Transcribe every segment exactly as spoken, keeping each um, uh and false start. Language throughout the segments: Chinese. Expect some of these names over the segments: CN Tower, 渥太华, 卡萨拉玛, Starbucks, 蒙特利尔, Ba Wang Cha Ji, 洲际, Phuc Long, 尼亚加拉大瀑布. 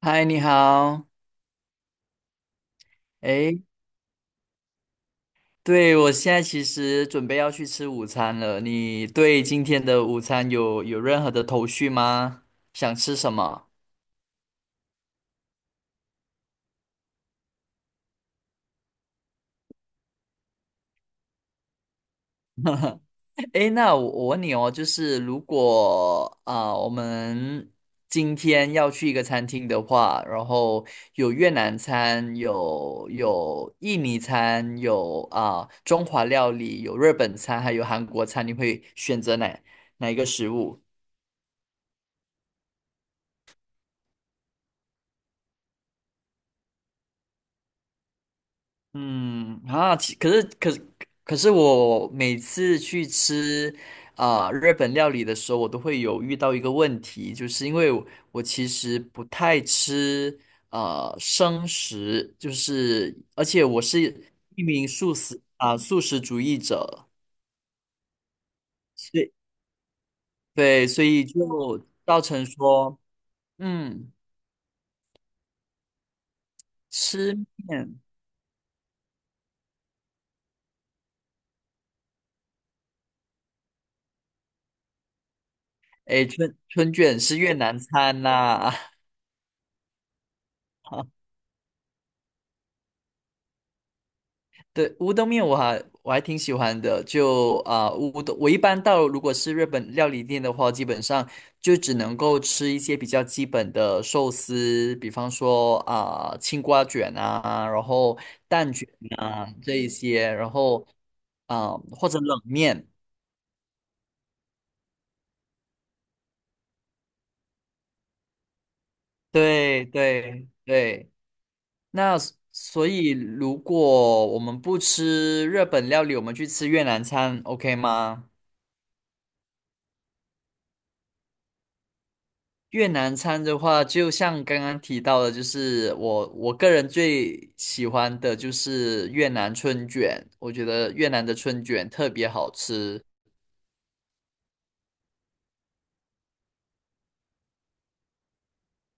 嗨，你好。诶，对，我现在其实准备要去吃午餐了。你对今天的午餐有有任何的头绪吗？想吃什么？诶，那我我问你哦，就是如果啊、我们今天要去一个餐厅的话，然后有越南餐，有有印尼餐，有啊、中华料理，有日本餐，还有韩国餐，你会选择哪哪一个食物？嗯啊，其可是可是可是我每次去吃啊、日本料理的时候，我都会有遇到一个问题，就是因为我，我其实不太吃啊生食，就是而且我是一名素食啊、素食主义者，所以对，所以就造成说。嗯，吃面，诶，春春卷是越南餐呐、对，乌冬面我还我还挺喜欢的，就啊、乌冬，我一般到如果是日本料理店的话，基本上就只能够吃一些比较基本的寿司，比方说啊、青瓜卷啊，然后蛋卷啊这一些，然后啊、或者冷面，对对对，那所所以如果我们不吃日本料理，我们去吃越南餐，OK 吗？越南餐的话，就像刚刚提到的，就是我我个人最喜欢的就是越南春卷，我觉得越南的春卷特别好吃。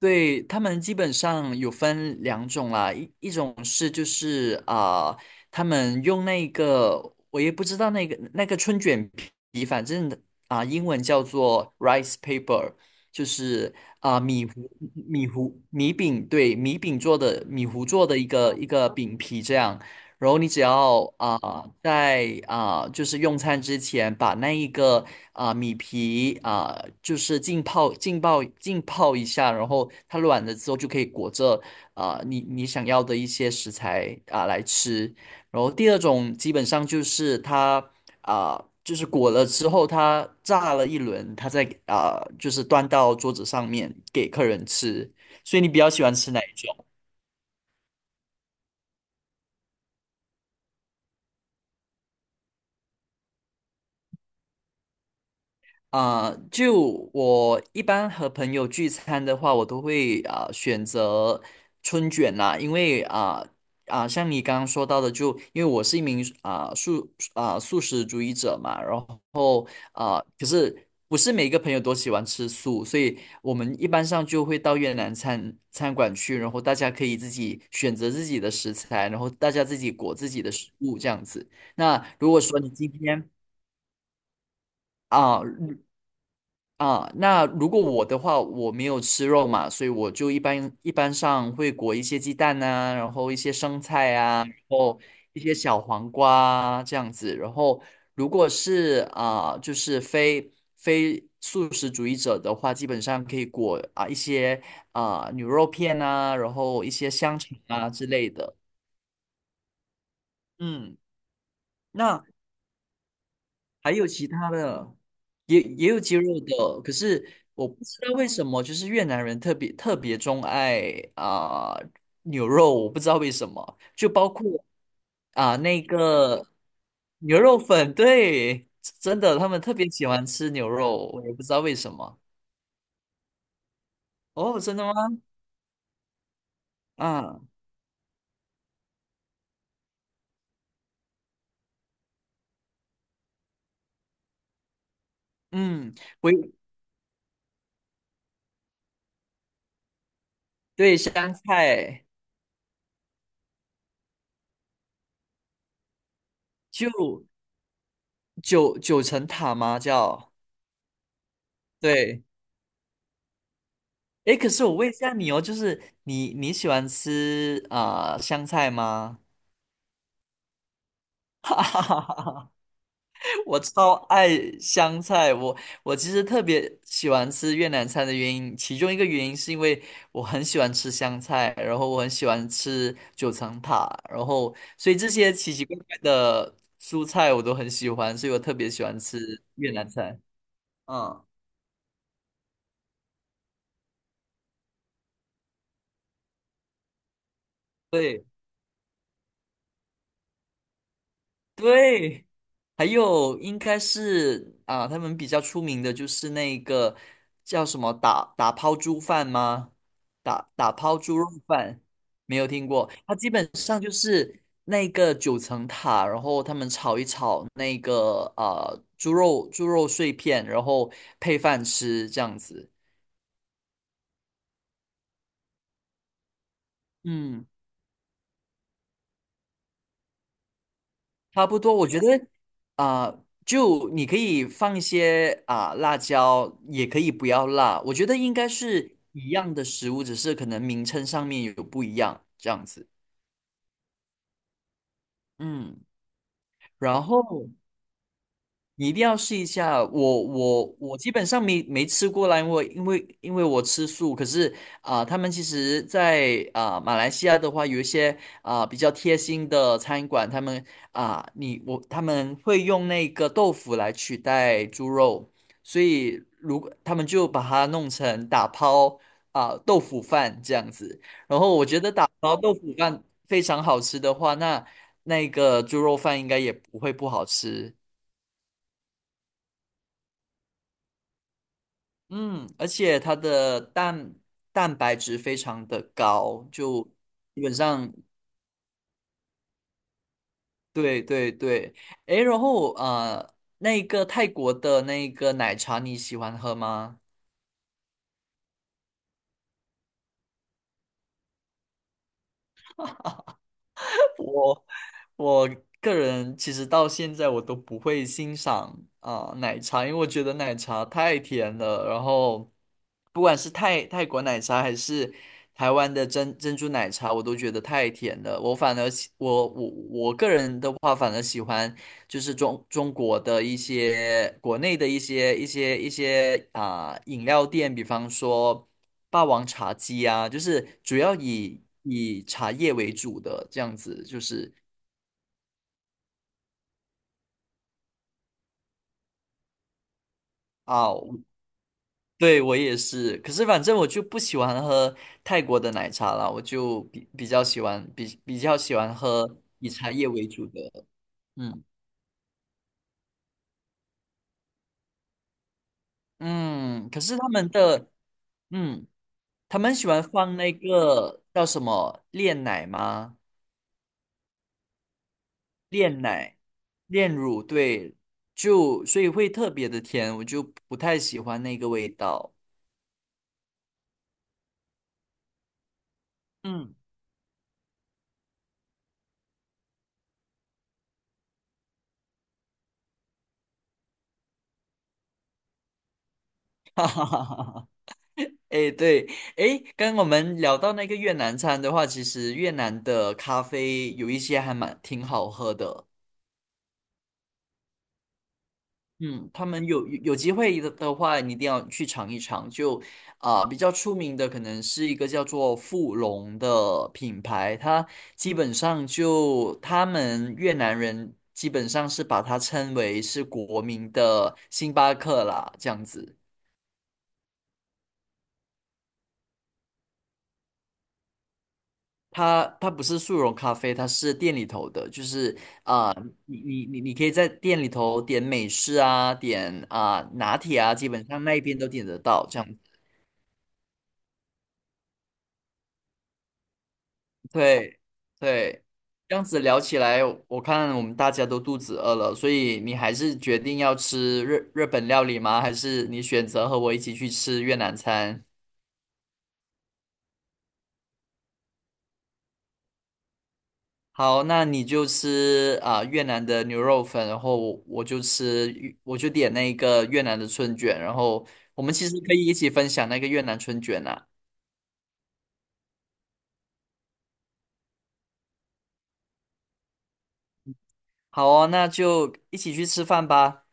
对，他们基本上有分两种啦，一一种是就是啊、他们用那个我也不知道那个那个春卷皮，反正啊、英文叫做 rice paper,就是啊、米糊米糊米饼，对，米饼做的米糊做的一个一个饼皮这样。然后你只要啊、在啊、就是用餐之前把那一个啊、米皮啊、就是浸泡、浸泡、浸泡一下，然后它软了之后就可以裹着啊、你你想要的一些食材啊、来吃。然后第二种基本上就是它啊、就是裹了之后它炸了一轮，它再啊、就是端到桌子上面给客人吃。所以你比较喜欢吃哪一种？啊、就我一般和朋友聚餐的话，我都会啊、选择春卷啦，因为啊啊、像你刚刚说到的就，因为我是一名啊、素啊、素食主义者嘛，然后啊、可是不是每一个朋友都喜欢吃素，所以我们一般上就会到越南餐餐馆去，然后大家可以自己选择自己的食材，然后大家自己裹自己的食物这样子。那如果说你今天啊，啊，那如果我的话，我没有吃肉嘛，所以我就一般一般上会裹一些鸡蛋啊，然后一些生菜啊，然后一些小黄瓜啊这样子。然后如果是啊，就是非非素食主义者的话，基本上可以裹啊一些啊牛肉片啊，然后一些香肠啊之类的。嗯，那还有其他的，也也有鸡肉的，可是我不知道为什么，就是越南人特别特别钟爱啊、牛肉，我不知道为什么，就包括啊、那个牛肉粉，对，真的他们特别喜欢吃牛肉，我也不知道为什么。哦，真的吗？啊，嗯，我对香菜就九九层塔吗？叫对。诶，可是我问一下你哦，就是你你喜欢吃啊、呃香菜吗？哈哈哈哈，我超爱香菜，我我其实特别喜欢吃越南菜的原因，其中一个原因是因为我很喜欢吃香菜，然后我很喜欢吃九层塔，然后所以这些奇奇怪怪的蔬菜我都很喜欢，所以我特别喜欢吃越南菜。嗯，对对。还有应该是啊，他们比较出名的就是那个叫什么打打抛猪饭吗？打打抛猪肉饭没有听过，它基本上就是那个九层塔，然后他们炒一炒那个呃猪肉猪肉碎片，然后配饭吃这样子。嗯。差不多，我觉得啊、就你可以放一些啊、辣椒，也可以不要辣。我觉得应该是一样的食物，只是可能名称上面有不一样这样子。嗯，然后你一定要试一下。我我我基本上没没吃过啦，因为因为因为我吃素。可是啊、他们其实在，啊马来西亚的话，有一些啊、比较贴心的餐馆，他们啊、你我他们会用那个豆腐来取代猪肉，所以如果他们就把它弄成打抛啊、豆腐饭这样子。然后我觉得打包豆腐饭非常好吃的话，那那个猪肉饭应该也不会不好吃。嗯，而且它的蛋蛋白质非常的高，就基本上对对对。诶，然后呃，那个泰国的那个奶茶你喜欢喝吗？我个人其实到现在我都不会欣赏啊、奶茶，因为我觉得奶茶太甜了。然后，不管是泰泰国奶茶还是台湾的珍珍珠奶茶，我都觉得太甜了。我反而喜我我我个人的话，反而喜欢就是中中国的一些国内的一些一些一些啊、饮料店，比方说霸王茶姬啊，就是主要以以茶叶为主的这样子，就是。啊，我对，我也是。可是反正我就不喜欢喝泰国的奶茶啦，我就比比较喜欢比比较喜欢喝以茶叶为主的。嗯嗯，可是他们的嗯，他们喜欢放那个叫什么炼奶吗？炼奶、炼乳，对，就所以会特别的甜，我就不太喜欢那个味道。嗯，哎，对，哎，刚刚我们聊到那个越南餐的话，其实越南的咖啡有一些还蛮挺好喝的。嗯，他们有有有机会的的话，你一定要去尝一尝。就啊、比较出名的可能是一个叫做富隆的品牌，它基本上就他们越南人基本上是把它称为是国民的星巴克啦，这样子。它它不是速溶咖啡，它是店里头的，就是啊、呃你你你你可以在店里头点美式啊，点啊、拿铁啊，基本上那一边都点得到，这样子。对对，这样子聊起来，我看我们大家都肚子饿了，所以你还是决定要吃日日本料理吗？还是你选择和我一起去吃越南餐？好，那你就吃啊、越南的牛肉粉，然后我我就吃，我就点那个越南的春卷，然后我们其实可以一起分享那个越南春卷啊。好哦，那就一起去吃饭吧。